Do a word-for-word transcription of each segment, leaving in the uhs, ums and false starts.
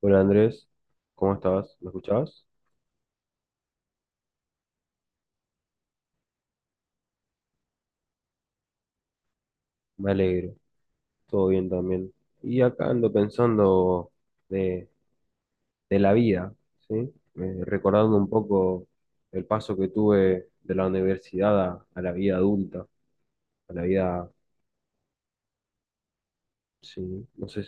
Hola Andrés, ¿cómo estás? ¿Me escuchabas? Me alegro, todo bien también. Y acá ando pensando de, de la vida, ¿sí? Eh, recordando un poco el paso que tuve de la universidad a, a la vida adulta, a la vida, sí, no sé,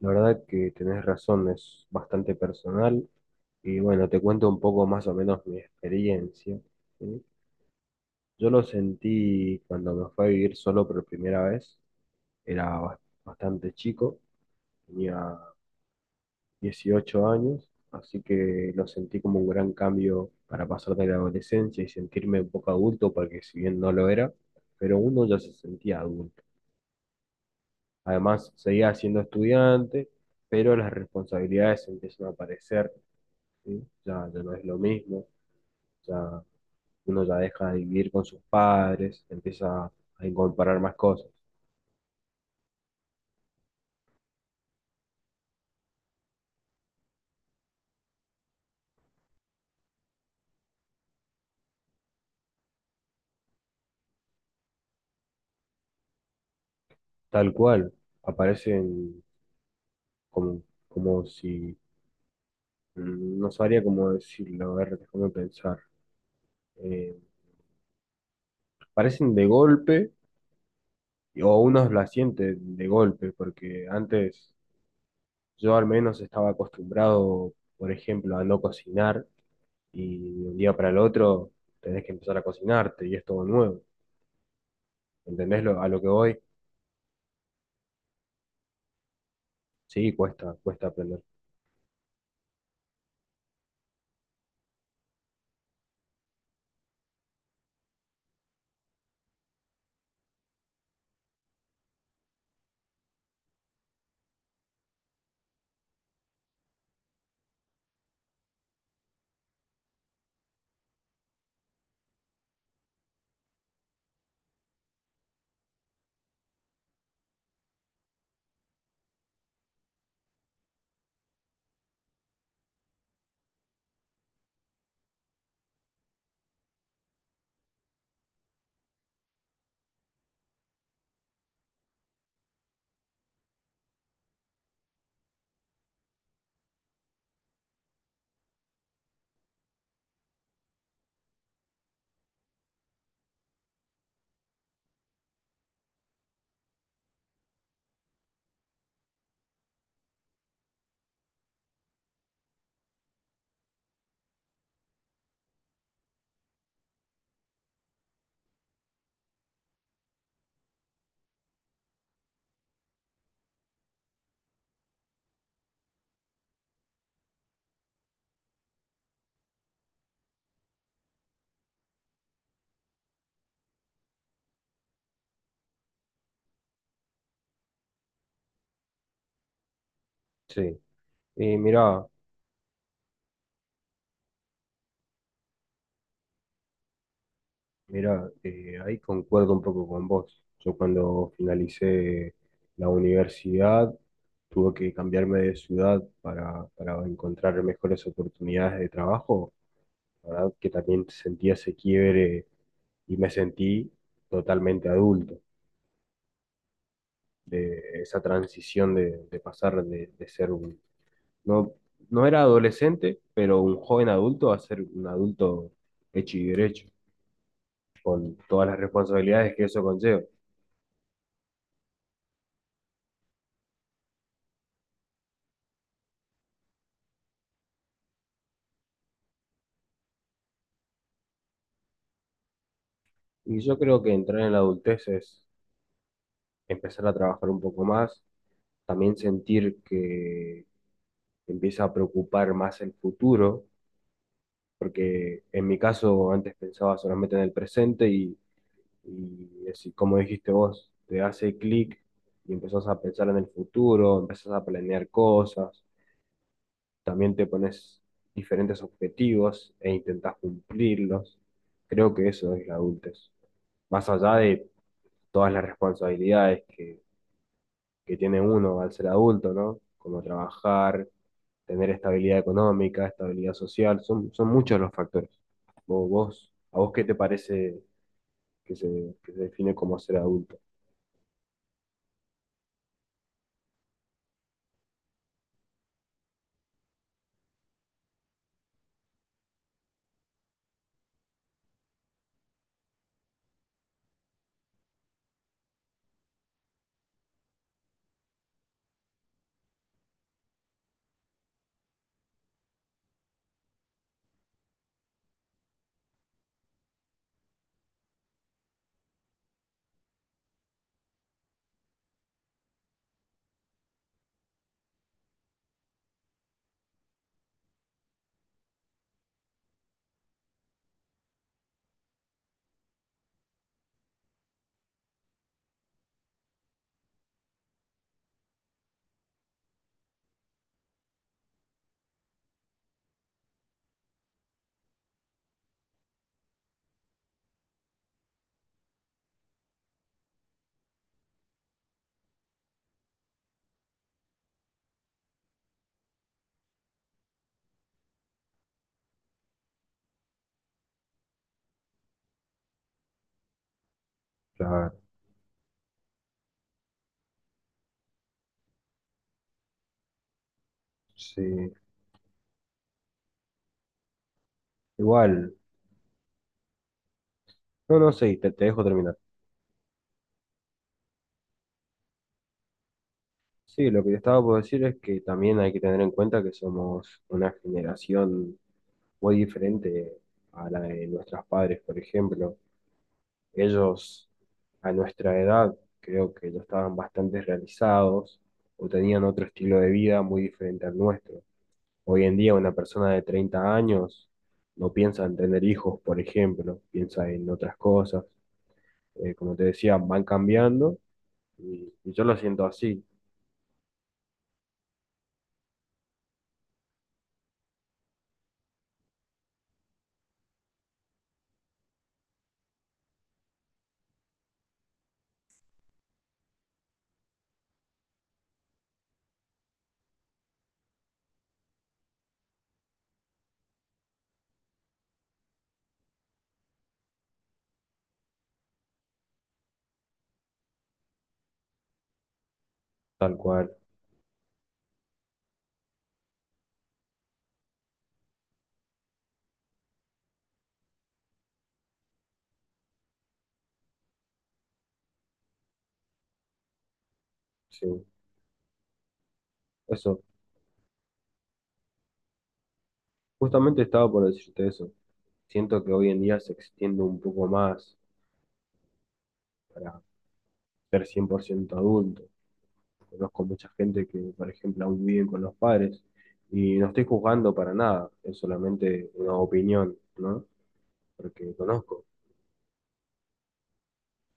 la verdad que tenés razón, es bastante personal. Y bueno, te cuento un poco más o menos mi experiencia, ¿sí? Yo lo sentí cuando me fui a vivir solo por primera vez, era bas- bastante chico. Tenía dieciocho años, así que lo sentí como un gran cambio para pasar de la adolescencia y sentirme un poco adulto, porque si bien no lo era, pero uno ya se sentía adulto. Además, seguía siendo estudiante, pero las responsabilidades empiezan a aparecer, ¿sí? Ya, ya no es lo mismo, ya uno ya deja de vivir con sus padres, empieza a incorporar más cosas. Tal cual, aparecen como, como si Mm, no sabría cómo decirlo, a ver, déjame pensar. Eh, parecen de golpe, o uno la siente de golpe, porque antes yo al menos estaba acostumbrado, por ejemplo, a no cocinar, y de un día para el otro tenés que empezar a cocinarte, y es todo nuevo. ¿Entendés lo- a lo que voy? Sí, cuesta, cuesta aprender. Sí. Y mirá, Mira, eh, ahí concuerdo un poco con vos. Yo cuando finalicé la universidad tuve que cambiarme de ciudad para, para encontrar mejores oportunidades de trabajo. La verdad que también sentí ese quiebre y me sentí totalmente adulto. Esa transición de, de pasar de, de ser un... No, no era adolescente, pero un joven adulto a ser un adulto hecho y derecho, con todas las responsabilidades que eso conlleva. Y yo creo que entrar en la adultez es empezar a trabajar un poco más, también sentir que te empieza a preocupar más el futuro, porque en mi caso antes pensaba solamente en el presente y, y así como dijiste vos, te hace clic y empezás a pensar en el futuro, empezás a planear cosas, también te pones diferentes objetivos e intentás cumplirlos. Creo que eso es la adultez, más allá de todas las responsabilidades que que tiene uno al ser adulto, ¿no? Como trabajar, tener estabilidad económica, estabilidad social, son, son muchos los factores. Vos, vos- ¿a vos qué te parece que se, que se define como ser adulto? Claro, sí. Igual, no, no, sí, te, te dejo terminar. Sí, lo que te estaba por decir es que también hay que tener en cuenta que somos una generación muy diferente a la de nuestros padres, por ejemplo. Ellos a nuestra edad creo que ya estaban bastante realizados o tenían otro estilo de vida muy diferente al nuestro. Hoy en día una persona de treinta años no piensa en tener hijos, por ejemplo, piensa en otras cosas. Eh, como te decía, van cambiando y, y yo lo siento así, tal cual. Sí, eso. Justamente estaba por decirte eso. Siento que hoy en día se extiende un poco más para ser cien por ciento adulto. Conozco mucha gente que, por ejemplo, aún viven con los padres y no estoy juzgando para nada, es solamente una opinión, ¿no? Porque conozco.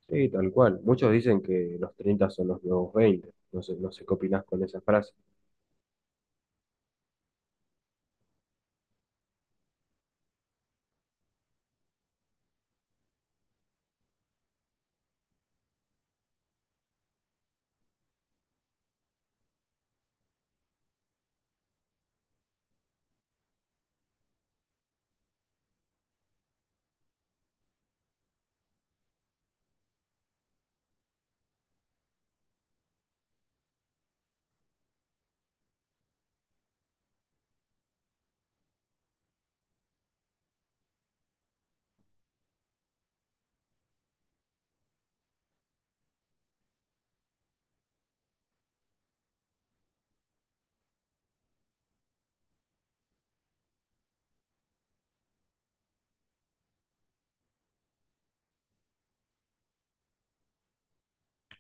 Sí, tal cual. Muchos dicen que los treinta son los nuevos veinte. No sé, no sé qué opinás con esa frase.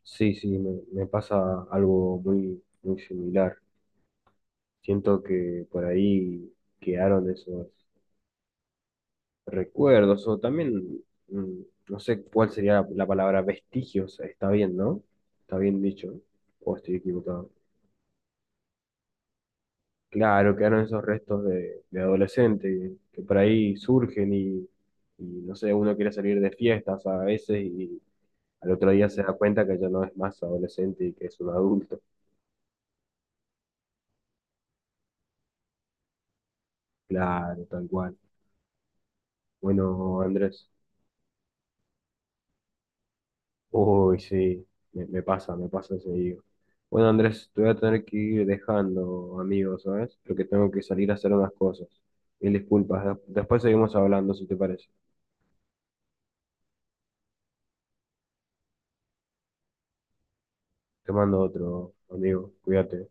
Sí, sí, me, me pasa algo muy, muy similar. Siento que por ahí quedaron esos recuerdos o también, mm, no sé cuál sería la, la palabra vestigios. Está bien, ¿no? Está bien dicho. O estoy equivocado. Claro, quedaron esos restos de, de adolescente que por ahí surgen y, y, no sé, uno quiere salir de fiestas a veces y al otro día se da cuenta que ya no es más adolescente y que es un adulto. Claro, tal cual. Bueno, Andrés, uy, sí, me, me pasa, me pasa seguido. Bueno, Andrés, te voy a tener que ir dejando, amigo, ¿sabes? Porque tengo que salir a hacer unas cosas. Mil disculpas, de- después seguimos hablando, si te parece. Te mando otro, amigo, cuídate.